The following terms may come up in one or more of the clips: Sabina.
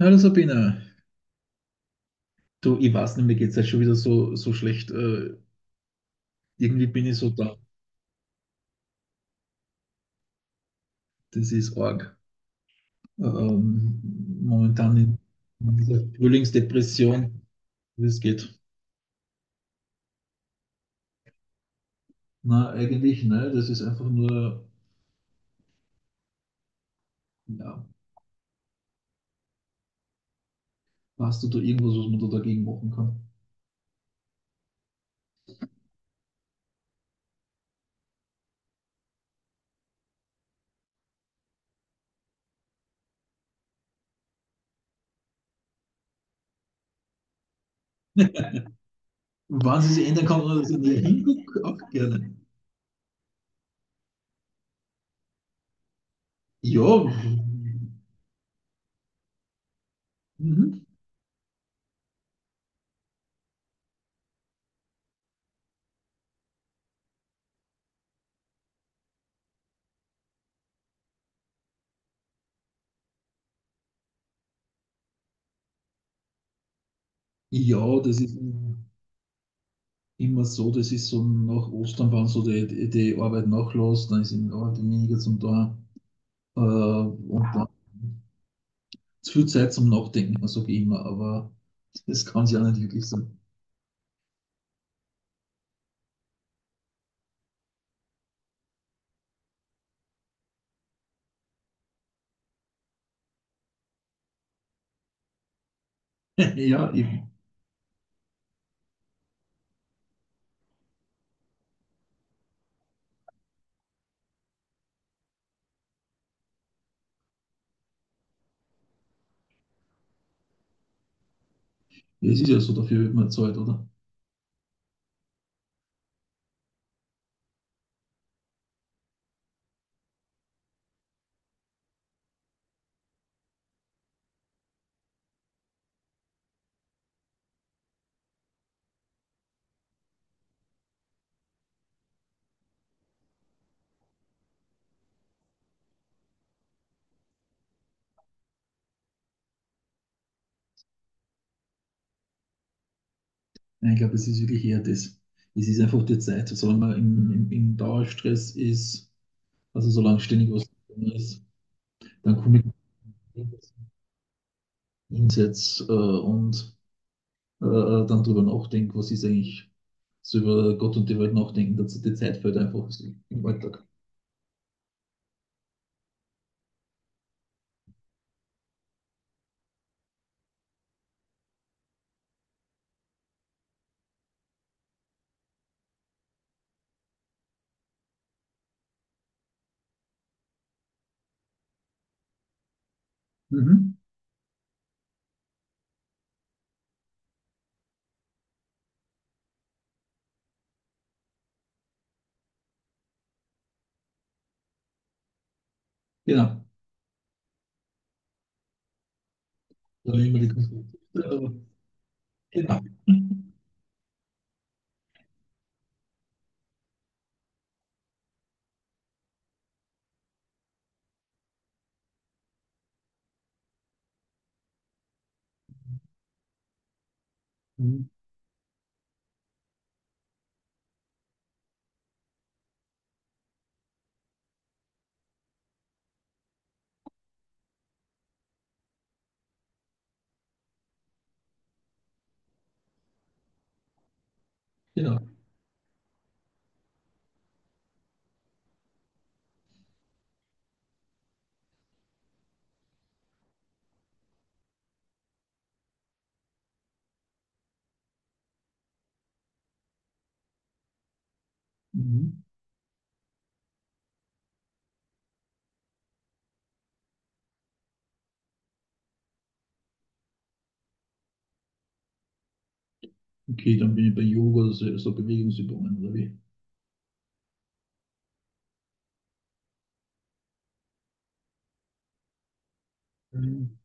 Hallo Sabina, du, ich weiß nicht, mir geht es jetzt schon wieder so, so schlecht. Irgendwie bin ich so da. Das ist arg. Ähm, Momentan in dieser Frühlingsdepression, wie es geht. Na, eigentlich, ne? Das ist einfach nur, ja, hast du da irgendwas, was man da dagegen machen kann? Wann sie sich ändern kann, oder dass ich nicht hingucke, auch gerne. Ja, mhm. Ja, das ist immer so, das ist so nach Ostern, wenn so die Arbeit nachlässt, dann ist eben Arbeit weniger zum da, und dann zu viel Zeit zum Nachdenken, sage ich immer, aber das kann es ja nicht wirklich sein. Ja, eben. Es ist ja so, dafür wird man Zeit, oder? Nein, ich glaube, es ist wirklich eher das. Es ist einfach die Zeit. Solange man im Dauerstress ist, also solange ständig was zu tun ist, dann komme ich hinsetze und dann drüber nachdenke, was ist eigentlich, so über Gott und die Welt nachdenken, dass die Zeit fällt einfach so im Alltag. Mhm. Genau. Dann immer die Konflikte. Genau. Mhm. Genau. Mhm. Okay, dann bin ich bei Yoga, also so Bewegungsübungen oder wie? Mhm.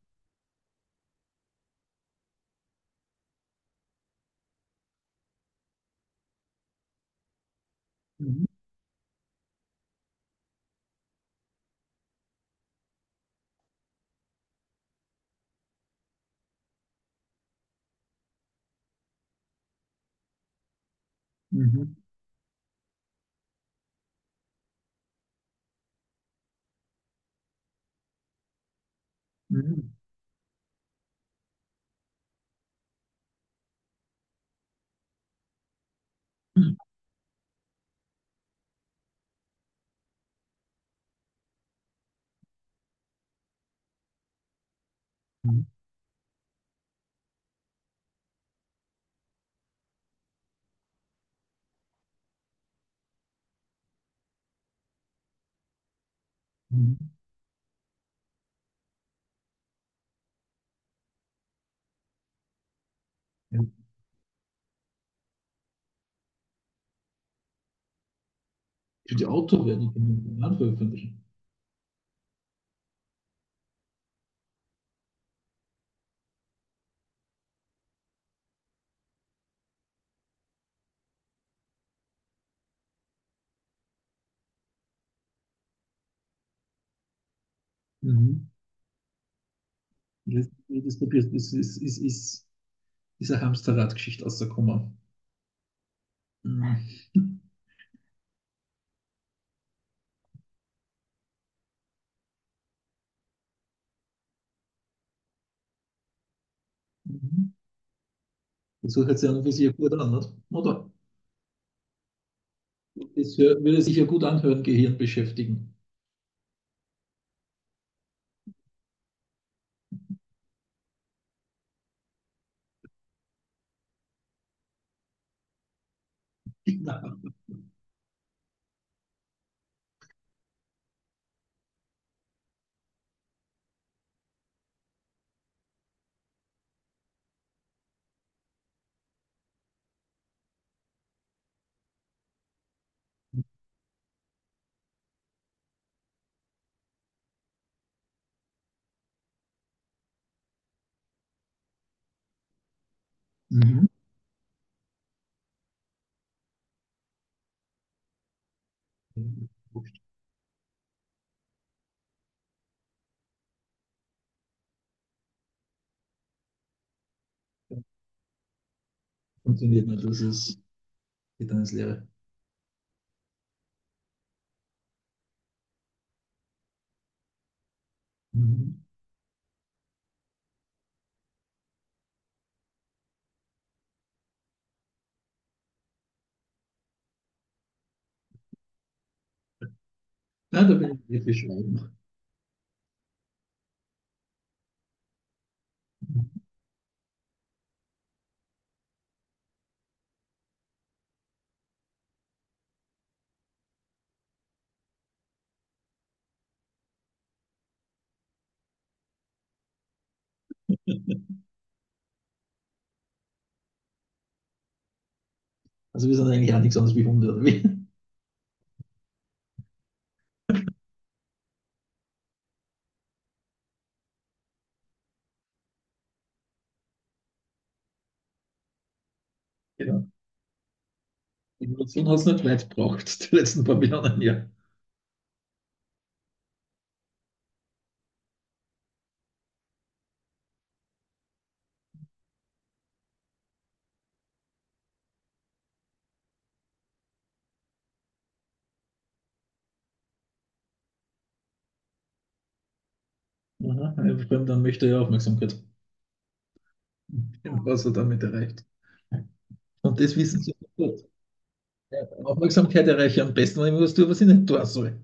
Mhm. Mhm. Mhm. Mhm. Mhm. Ja. Für die Autor werde ich den Roman veröffentlichen. Mhm. Das, das, das ist eine Hamsterrad-Geschichte aus der Komma. Mhm. Mhm. Das hört sich an und für sich ja gut an, nicht, oder? Das würde sich ja gut anhören, Gehirn beschäftigen. Ja. Mhm. Funktioniert nicht, das ist, geht dann ins Leere. Mhm. Nein, da bin ich eher für Schweigen. Also wir sind eigentlich auch nichts anderes wie Hunde, oder wie? Genau. Evolution hat es nicht weit gebraucht, die letzten paar Millionen Jahre. Aha, ein Fremder möchte er ja Aufmerksamkeit. Was er damit erreicht. Und das wissen sie gut. Ja, Aufmerksamkeit erreiche ich am besten, wenn ich was tue, was ich nicht tun soll.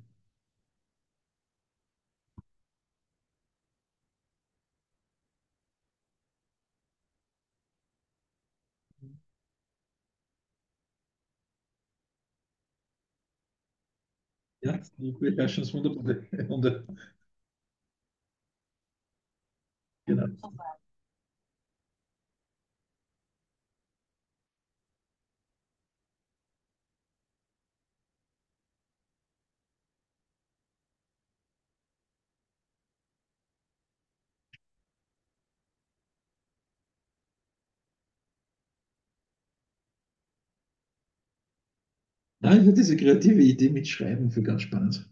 Ja, beherrschen wunderbar. Wunder. Genau. Nein, ich finde diese kreative Idee mit Schreiben für ganz spannend.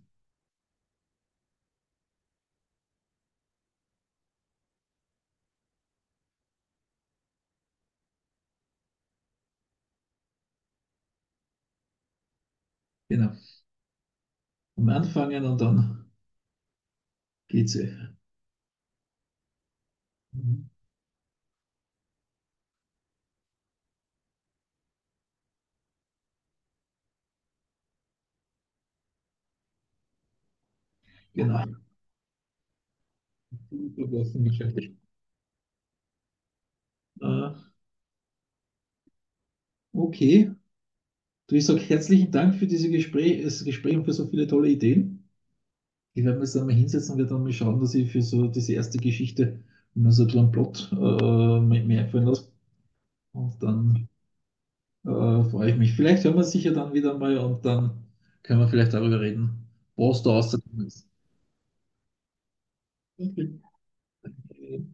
Genau. Am Anfangen und dann geht sie. Mhm. Genau. Äh, okay. Du, ich sage herzlichen Dank für dieses Gespräch, das Gespräch und für so viele tolle Ideen. Ich werde mir jetzt einmal hinsetzen und werde dann mal schauen, dass ich für so diese erste Geschichte mal so einen Plot mir einfallen lasse. Und dann äh, freue ich mich. Vielleicht hören wir uns sicher dann wieder mal und dann können wir vielleicht darüber reden, was da rausgekommen ist. Okay.